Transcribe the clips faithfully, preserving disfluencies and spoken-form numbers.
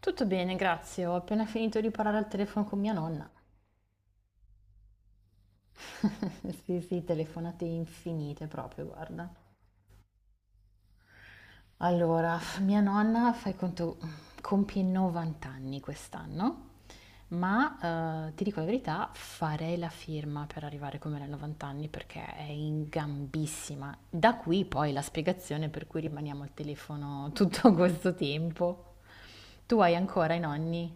Tutto bene, grazie. Ho appena finito di parlare al telefono con mia nonna. Sì, sì, telefonate infinite proprio, guarda. Allora, mia nonna, fai conto, compie novanta anni quest'anno, ma eh, ti dico la verità, farei la firma per arrivare come lei a novanta anni perché è in gambissima. Da qui poi la spiegazione per cui rimaniamo al telefono tutto questo tempo. Tu hai ancora i nonni?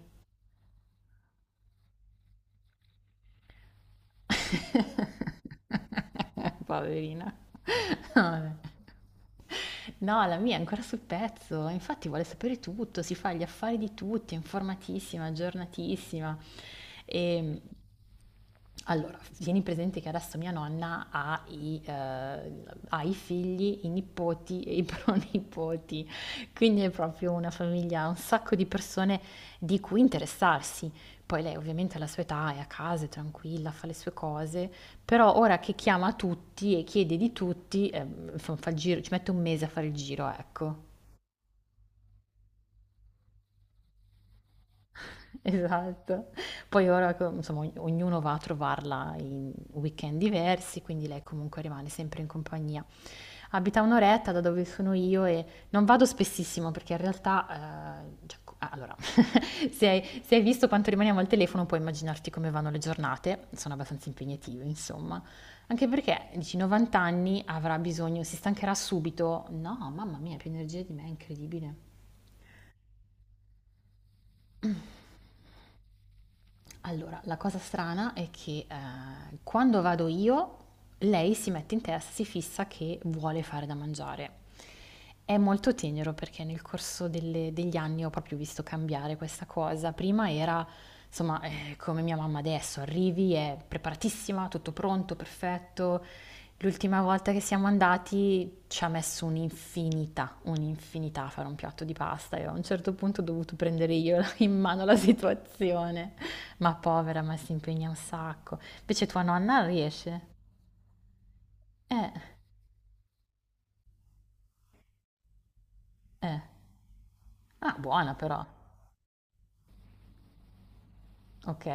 Poverina. Vabbè. No, la mia è ancora sul pezzo, infatti vuole sapere tutto, si fa gli affari di tutti, è informatissima, aggiornatissima. E, allora, tieni presente che adesso mia nonna ha i, eh, ha i figli, i nipoti e i pronipoti, quindi è proprio una famiglia, un sacco di persone di cui interessarsi. Poi lei ovviamente alla sua età è a casa, è tranquilla, fa le sue cose, però ora che chiama tutti e chiede di tutti, eh, fa- fa il giro, ci mette un mese a fare il giro, ecco. Esatto. Poi ora, co- insomma, ogn- ognuno va a trovarla in weekend diversi, quindi lei comunque rimane sempre in compagnia. Abita un'oretta da dove sono io e non vado spessissimo perché in realtà, eh, cioè, co- ah, allora, se hai, se hai visto quanto rimaniamo al telefono puoi immaginarti come vanno le giornate, sono abbastanza impegnative, insomma. Anche perché, dici, novanta anni avrà bisogno, si stancherà subito. No, mamma mia, più energia di me, è incredibile. Allora, la cosa strana è che eh, quando vado io, lei si mette in testa, si fissa che vuole fare da mangiare. È molto tenero perché nel corso delle- degli anni ho proprio visto cambiare questa cosa. Prima era, insomma, eh, come mia mamma adesso, arrivi, è preparatissima, tutto pronto, perfetto. L'ultima volta che siamo andati ci ha messo un'infinità, un'infinità a fare un piatto di pasta e a un certo punto ho dovuto prendere io la- in mano la situazione. Ma povera, ma si impegna un sacco. Invece tua nonna riesce? Eh, eh. Ah, buona però. Ok.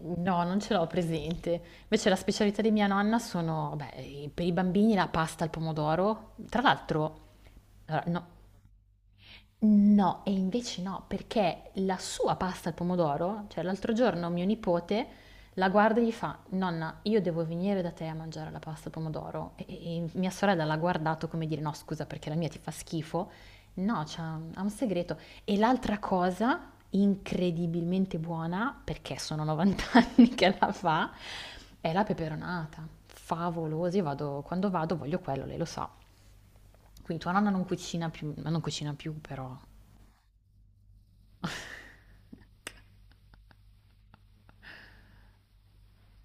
No, non ce l'ho presente. Invece la specialità di mia nonna sono, beh, per i bambini la pasta al pomodoro. Tra l'altro, allora, no, No, e invece no, perché la sua pasta al pomodoro, cioè l'altro giorno mio nipote la guarda e gli fa: Nonna, io devo venire da te a mangiare la pasta al pomodoro. E, e- e mia sorella l'ha guardato come dire: No, scusa, perché la mia ti fa schifo. No, c'ha- ha un segreto. E l'altra cosa incredibilmente buona, perché sono novanta anni che la fa, è la peperonata. Favolosa, io vado, quando vado voglio quello, lei lo sa. Quindi tua nonna non cucina più, ma non cucina più, però.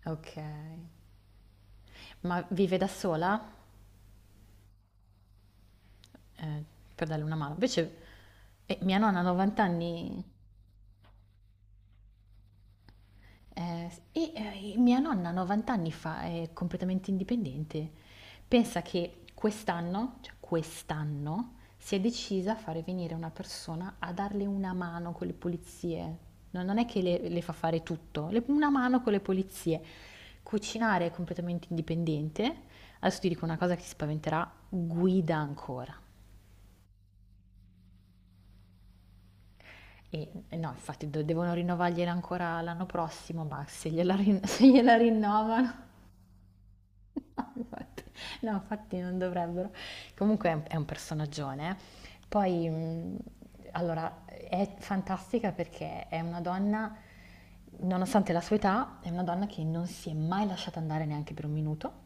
Okay. Ma vive da sola? Ehm, per darle una mano. Invece, eh, mia nonna ha novanta anni, eh, s e, ehm, mia nonna novanta anni fa è completamente indipendente. Pensa che quest'anno, cioè quest'anno, si è decisa a fare venire una persona a darle una mano con le pulizie. No, non è che le le fa fare tutto, le una mano con le pulizie. Cucinare è completamente indipendente. Adesso ti dico una cosa che ti spaventerà: guida ancora. E e no, infatti do devono rinnovargliela ancora l'anno prossimo, ma se gliela rin se gliela rinnovano. No, Infatti- No, infatti non dovrebbero. Comunque è un, è un personaggione. Poi, mh, allora, è fantastica perché è una donna, nonostante la sua età, è una donna che non si è mai lasciata andare neanche per un minuto.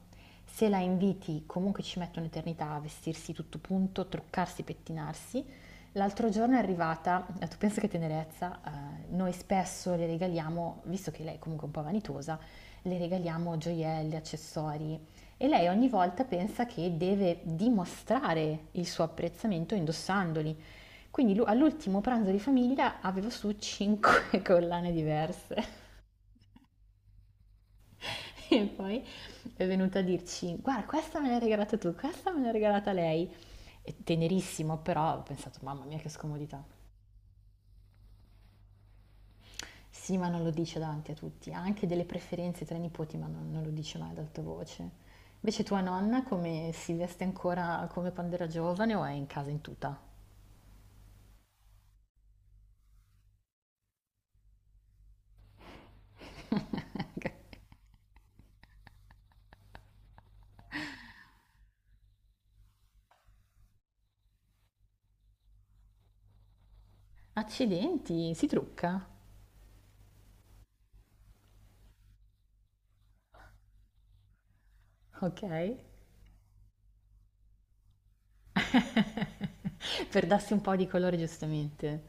Se la inviti, comunque ci mette un'eternità a vestirsi tutto punto, truccarsi, pettinarsi. L'altro giorno è arrivata, eh, tu pensa che tenerezza, eh, noi spesso le regaliamo, visto che lei è comunque un po' vanitosa, le regaliamo gioielli, accessori, e lei ogni volta pensa che deve dimostrare il suo apprezzamento indossandoli. Quindi lu- all'ultimo pranzo di famiglia aveva su cinque collane diverse e poi è venuta a dirci guarda questa me l'hai regalata tu, questa me l'ha regalata lei. È tenerissimo però ho pensato mamma mia che scomodità. Sì, ma non lo dice davanti a tutti, ha anche delle preferenze tra i nipoti ma non, non lo dice mai ad alta voce. Invece tua nonna come si veste ancora come quando era giovane o è in casa in tuta? Accidenti, si trucca, ok. Per darsi un po' di colore, giustamente.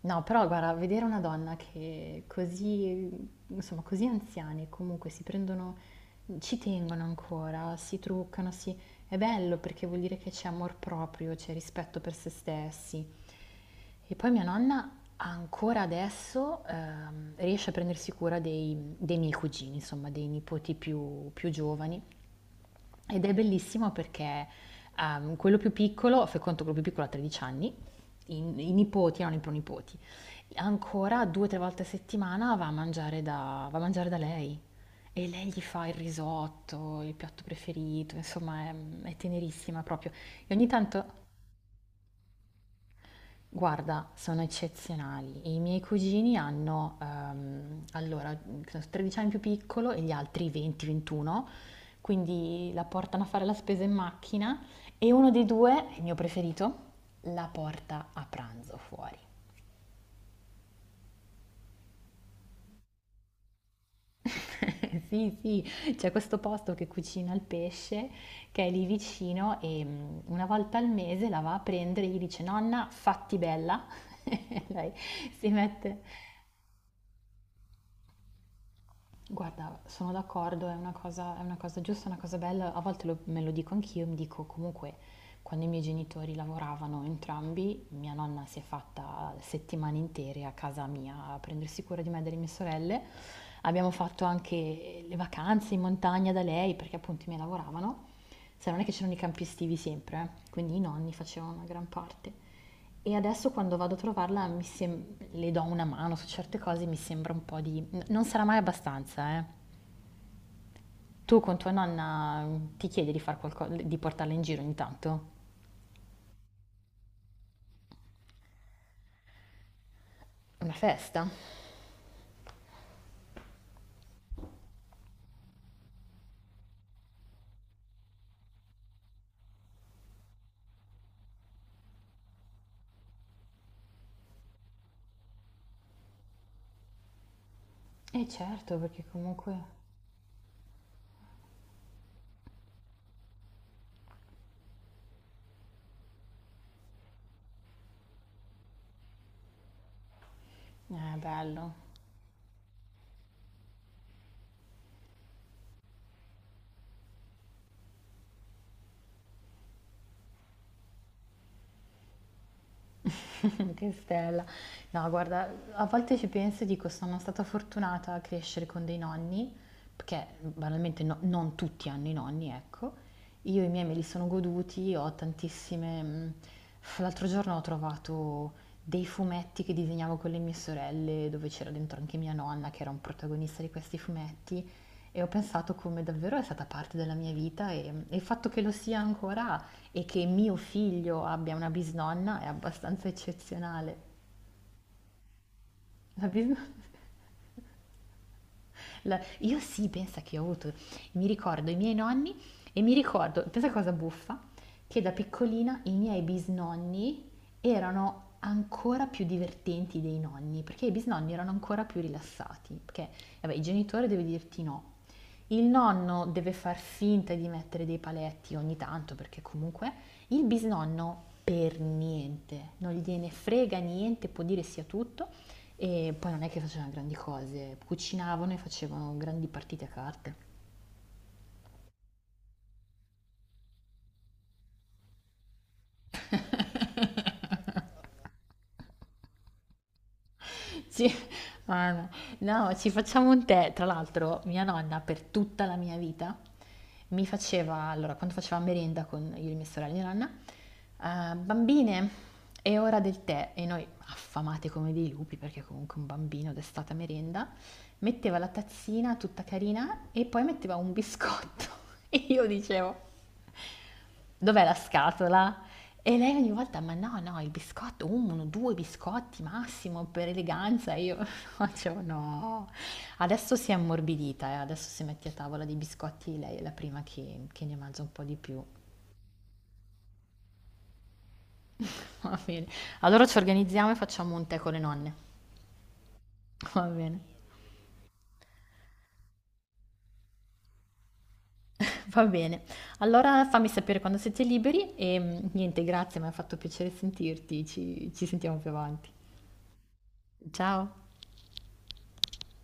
No, però guarda, vedere una donna che così, insomma, così anziane comunque si prendono, ci tengono ancora, si truccano, si... è bello perché vuol dire che c'è amor proprio, c'è rispetto per se stessi. E poi mia nonna ancora adesso ehm, riesce a prendersi cura dei, dei miei cugini, insomma, dei nipoti più, più giovani. Ed è bellissimo perché ehm, quello più piccolo, fai conto quello più piccolo ha tredici anni, i, i nipoti erano i pronipoti, ancora due o tre volte a settimana va a mangiare da, va a mangiare da lei. E lei gli fa il risotto, il piatto preferito, insomma è, è tenerissima proprio. E ogni tanto. Guarda, sono eccezionali. I miei cugini hanno, ehm, allora, credo tredici anni più piccolo e gli altri venti ventuno, quindi la portano a fare la spesa in macchina e uno dei due, il mio preferito, la porta a pranzo fuori. Sì, sì, c'è questo posto che cucina il pesce che è lì vicino e mm, una volta al mese la va a prendere e gli dice: Nonna, fatti bella. Lei si mette. Guarda, sono d'accordo, è una cosa, è una cosa giusta, è una cosa bella. A volte lo- me lo dico anch'io, mi dico comunque quando i miei genitori lavoravano entrambi, mia nonna si è fatta settimane intere a casa mia a prendersi cura di me e delle mie sorelle. Abbiamo fatto anche le vacanze in montagna da lei perché appunto i miei lavoravano. Se non è che c'erano i campi estivi sempre, eh, quindi i nonni facevano una gran parte. E adesso quando vado a trovarla mi sem- le do una mano su certe cose, mi sembra un po' di. n- Non sarà mai abbastanza, eh. Tu con tua nonna, mm, ti chiedi di far qualco- di portarla in giro ogni tanto? Una festa? Eh certo, perché comunque è bello. Che stella. No, guarda, a volte ci penso e dico sono stata fortunata a crescere con dei nonni, perché banalmente no- non tutti hanno i nonni, ecco. Io i miei me li sono goduti, ho tantissime. mh, L'altro giorno ho trovato dei fumetti che disegnavo con le mie sorelle, dove c'era dentro anche mia nonna, che era un protagonista di questi fumetti, e ho pensato come davvero è stata parte della mia vita e, mm, e il fatto che lo sia ancora e che mio figlio abbia una bisnonna è abbastanza eccezionale. La bisnonna. la- Io sì, pensa che ho avuto, mi ricordo i miei nonni e mi ricordo, pensa cosa buffa, che da piccolina i miei bisnonni erano ancora più divertenti dei nonni, perché i bisnonni erano ancora più rilassati, perché vabbè, il genitore deve dirti no. Il nonno deve far finta di mettere dei paletti ogni tanto, perché comunque il bisnonno per niente, non gliene frega niente, può dire sia tutto. E poi non è che facevano grandi cose, cucinavano e facevano grandi partite a carte. Ci- ah, no. No, ci facciamo un tè. Tra l'altro, mia nonna per tutta la mia vita mi faceva, allora, quando faceva merenda con io e mia sorella e mia nonna, "Ah, bambine, è ora del tè." E noi, affamate come dei lupi, perché comunque un bambino d'estate a merenda, metteva la tazzina tutta carina e poi metteva un biscotto. E io dicevo: Dov'è la scatola? E lei ogni volta, ma no, no, il biscotto, uno, due biscotti massimo per eleganza. E io facevo no. Adesso si è ammorbidita, eh, adesso si mette a tavola dei biscotti, lei è la prima che, che ne mangia un po' di più. Va bene. Allora ci organizziamo e facciamo un tè con le nonne. Va bene. Va bene. Allora fammi sapere quando siete liberi e mm, niente, grazie, mi ha fatto piacere sentirti. Ci, ci sentiamo più avanti. Ciao.